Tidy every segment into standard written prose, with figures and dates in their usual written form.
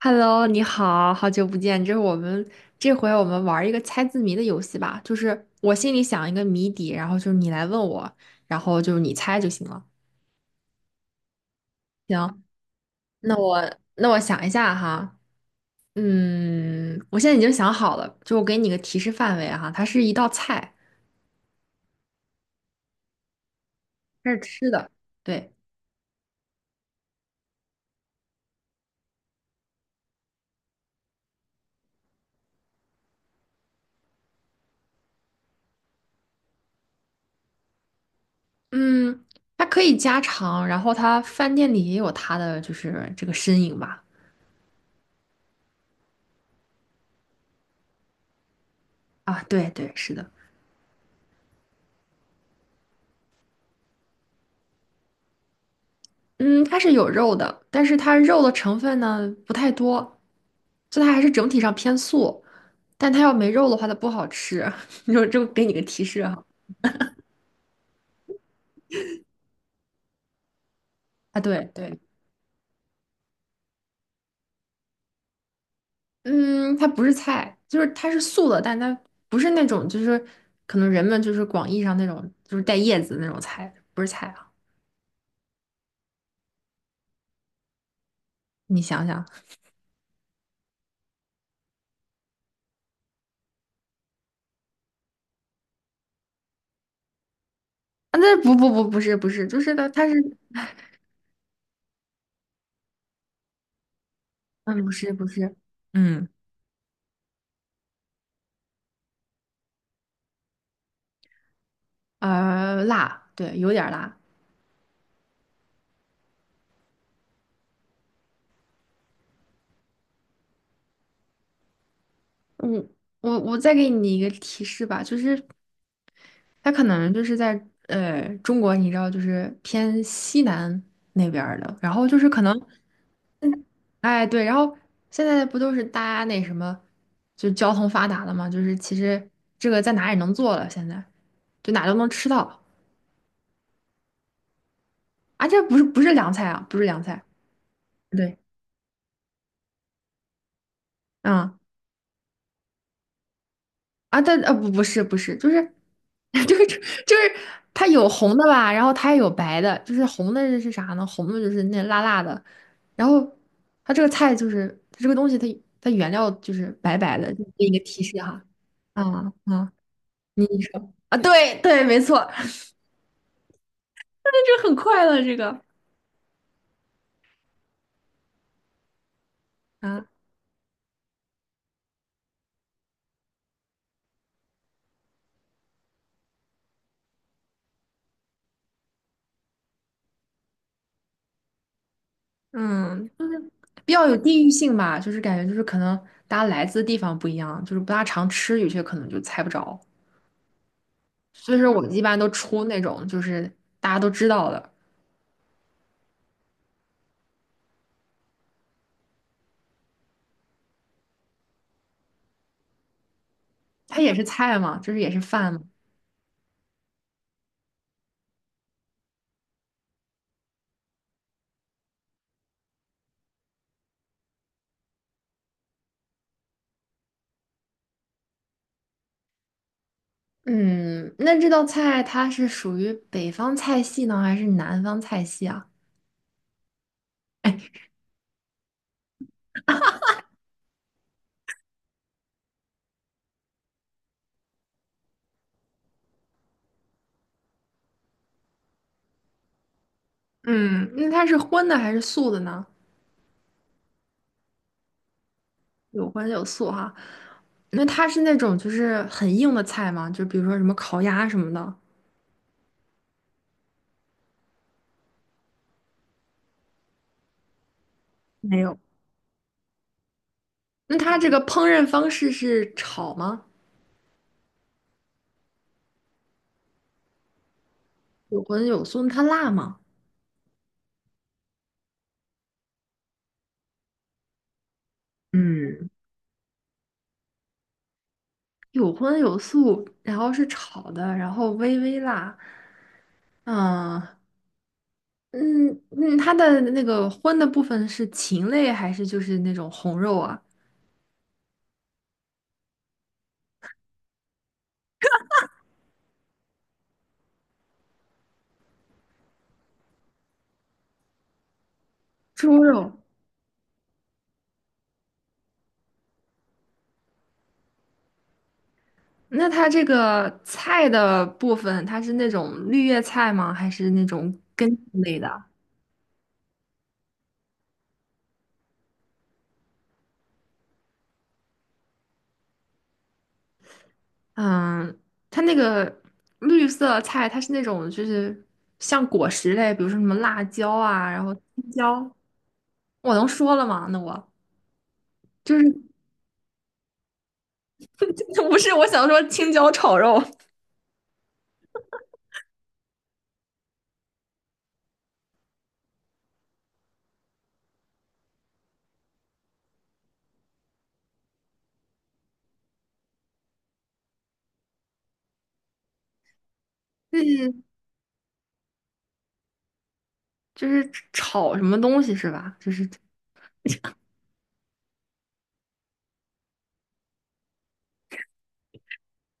Hello，你好，好久不见。这回我们玩一个猜字谜的游戏吧，就是我心里想一个谜底，然后就是你来问我，然后就是你猜就行了。行，那我想一下哈。嗯，我现在已经想好了，就我给你个提示范围哈。它是一道菜，它是吃的，对。嗯，它可以家常，然后它饭店里也有它的就是这个身影吧。啊，对对，是的。嗯，它是有肉的，但是它肉的成分呢不太多，就它还是整体上偏素。但它要没肉的话，它不好吃。你说这给你个提示哈。啊，对对。嗯，它不是菜，就是它是素的，但它不是那种就是可能人们就是广义上那种就是带叶子的那种菜，不是菜啊。你想想。啊，那不是，就是它是。嗯，不是不是。嗯，辣，对，有点儿辣。嗯，我再给你一个提示吧，就是它可能就是在中国，你知道，就是偏西南那边儿的，然后就是可能。哎对，然后现在不都是大家那什么，就交通发达了嘛，就是其实这个在哪也能做了，现在就哪都能吃到。啊，这不是不是凉菜啊，不是凉菜，对。嗯。啊，但不是，就是 就是就是它有红的吧，然后它也有白的。就是红的是啥呢？红的就是那辣辣的，然后它这个菜就是它这个东西它原料就是白白的，就给你一个提示哈。啊啊，你说啊，对对，没错。那就很快乐这个。啊，嗯，比较有地域性吧，就是感觉就是可能大家来自的地方不一样，就是不大常吃，有些可能就猜不着。所以说我们一般都出那种就是大家都知道的。它也是菜嘛，就是也是饭嘛。嗯，那这道菜它是属于北方菜系呢，还是南方菜系啊？嗯，那它是荤的还是素的呢？有荤有素哈。那它是那种就是很硬的菜吗？就比如说什么烤鸭什么的。没有。那它这个烹饪方式是炒吗？有荤有素，那它辣吗？嗯，有荤有素，然后是炒的，然后微微辣。啊，嗯嗯，它的那个荤的部分是禽类还是就是那种红肉啊？猪肉。那它这个菜的部分，它是那种绿叶菜吗？还是那种根茎类的？嗯，它那个绿色菜，它是那种就是像果实类，比如说什么辣椒啊，然后青椒。我能说了吗？那我就是 不是我想说青椒炒肉，就是就是炒什么东西是吧？就是。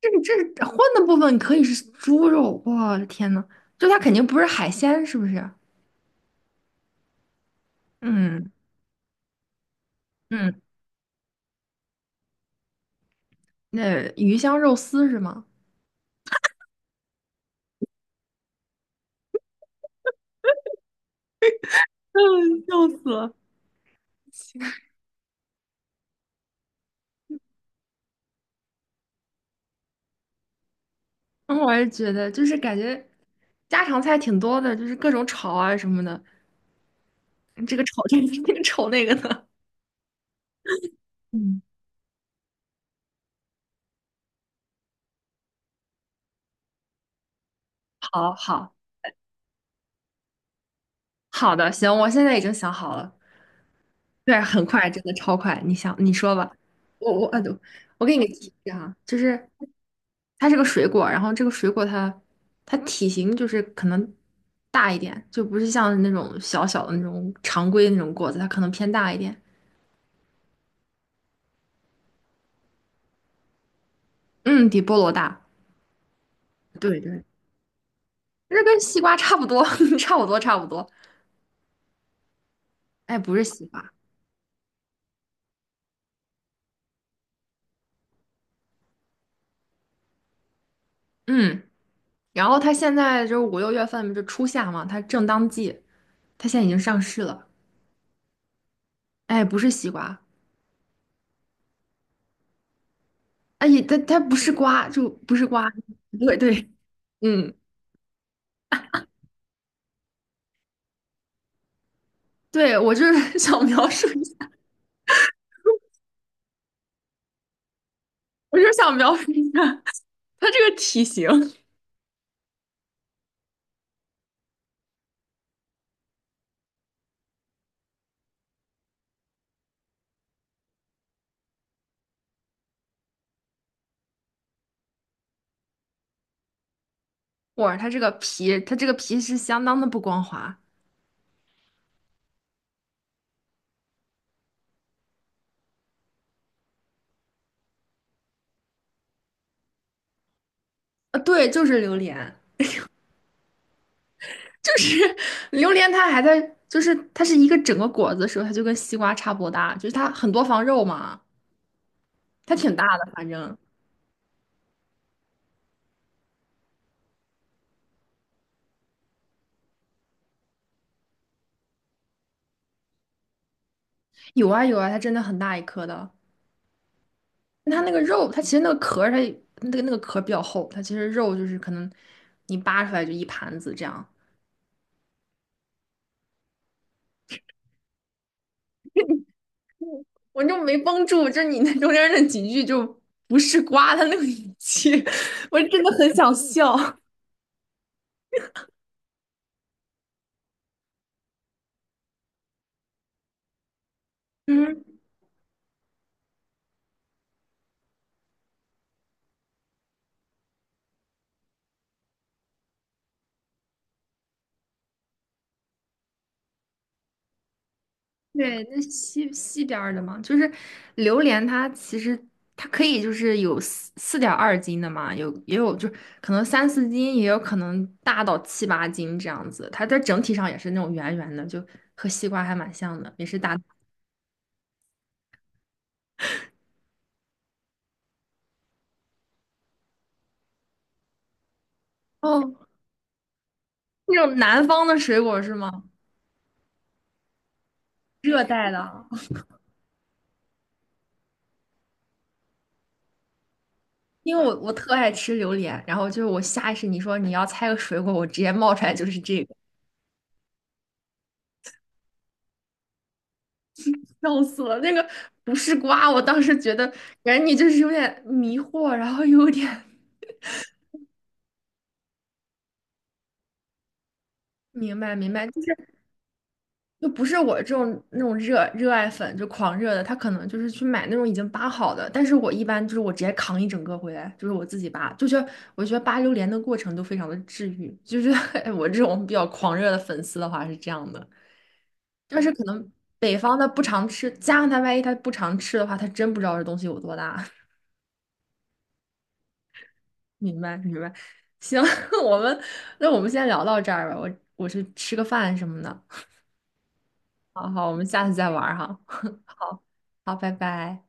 这这荤的部分可以是猪肉，我的天呐，就它肯定不是海鲜，是不是？嗯嗯，那鱼香肉丝是吗？嗯，笑死了。嗯，我也觉得，就是感觉家常菜挺多的，就是各种炒啊什么的。这个炒 这个，那个炒那个的。嗯，好好。好的，行，我现在已经想好了。对，很快，真的超快。你想，你说吧。我我呃，我给你个提示哈，就是它是个水果，然后这个水果它体型就是可能大一点，就不是像那种小小的那种常规那种果子，它可能偏大一点。嗯，比菠萝大。对对，这跟西瓜差不多，差不多差不多。哎，不是西瓜。嗯。然后它现在就是五六月份就初夏嘛，它正当季，它现在已经上市了。哎，不是西瓜。哎，它不是瓜，就不是瓜，对对。嗯，对，我就是 想描述一下，我就是想描述一下它这个体型。哇，它这个皮，它这个皮是相当的不光滑。啊，对，就是榴莲。就是榴莲，它还在，就是它是一个整个果子的时候，它就跟西瓜差不多大，就是它很多房肉嘛，它挺大的，反正有啊有啊，它真的很大一颗的。它那个肉，它其实那个壳儿，它那个壳儿比较厚，它其实肉就是可能你扒出来就一盘子这样。我就没绷住，就是你那中间那几句就不是瓜它那个语气，我真的很想笑。嗯，对，那西边儿的嘛。就是榴莲，它其实它可以就是有四点二斤的嘛，有也有就是可能三四斤，也有可能大到七八斤这样子。它在整体上也是那种圆圆的，就和西瓜还蛮像的，也是大。哦，那种南方的水果是吗？热带的啊。因为我特爱吃榴莲，然后就是我下意识你说你要猜个水果，我直接冒出来就是这个。笑死了。那个不是瓜，我当时觉得感觉你就是有点迷惑，然后又有点 明白明白，就是就不是我这种那种热爱粉就狂热的，他可能就是去买那种已经扒好的，但是我一般就是我直接扛一整个回来，就是我自己扒，就觉得我觉得扒榴莲的过程都非常的治愈，就是 我这种比较狂热的粉丝的话是这样的。但是可能北方他不常吃，加上万一他不常吃的话，他真不知道这东西有多大。明白明白。行，我们那我们先聊到这儿吧，我去吃个饭什么的。好好，我们下次再玩儿哈。好。好，拜拜。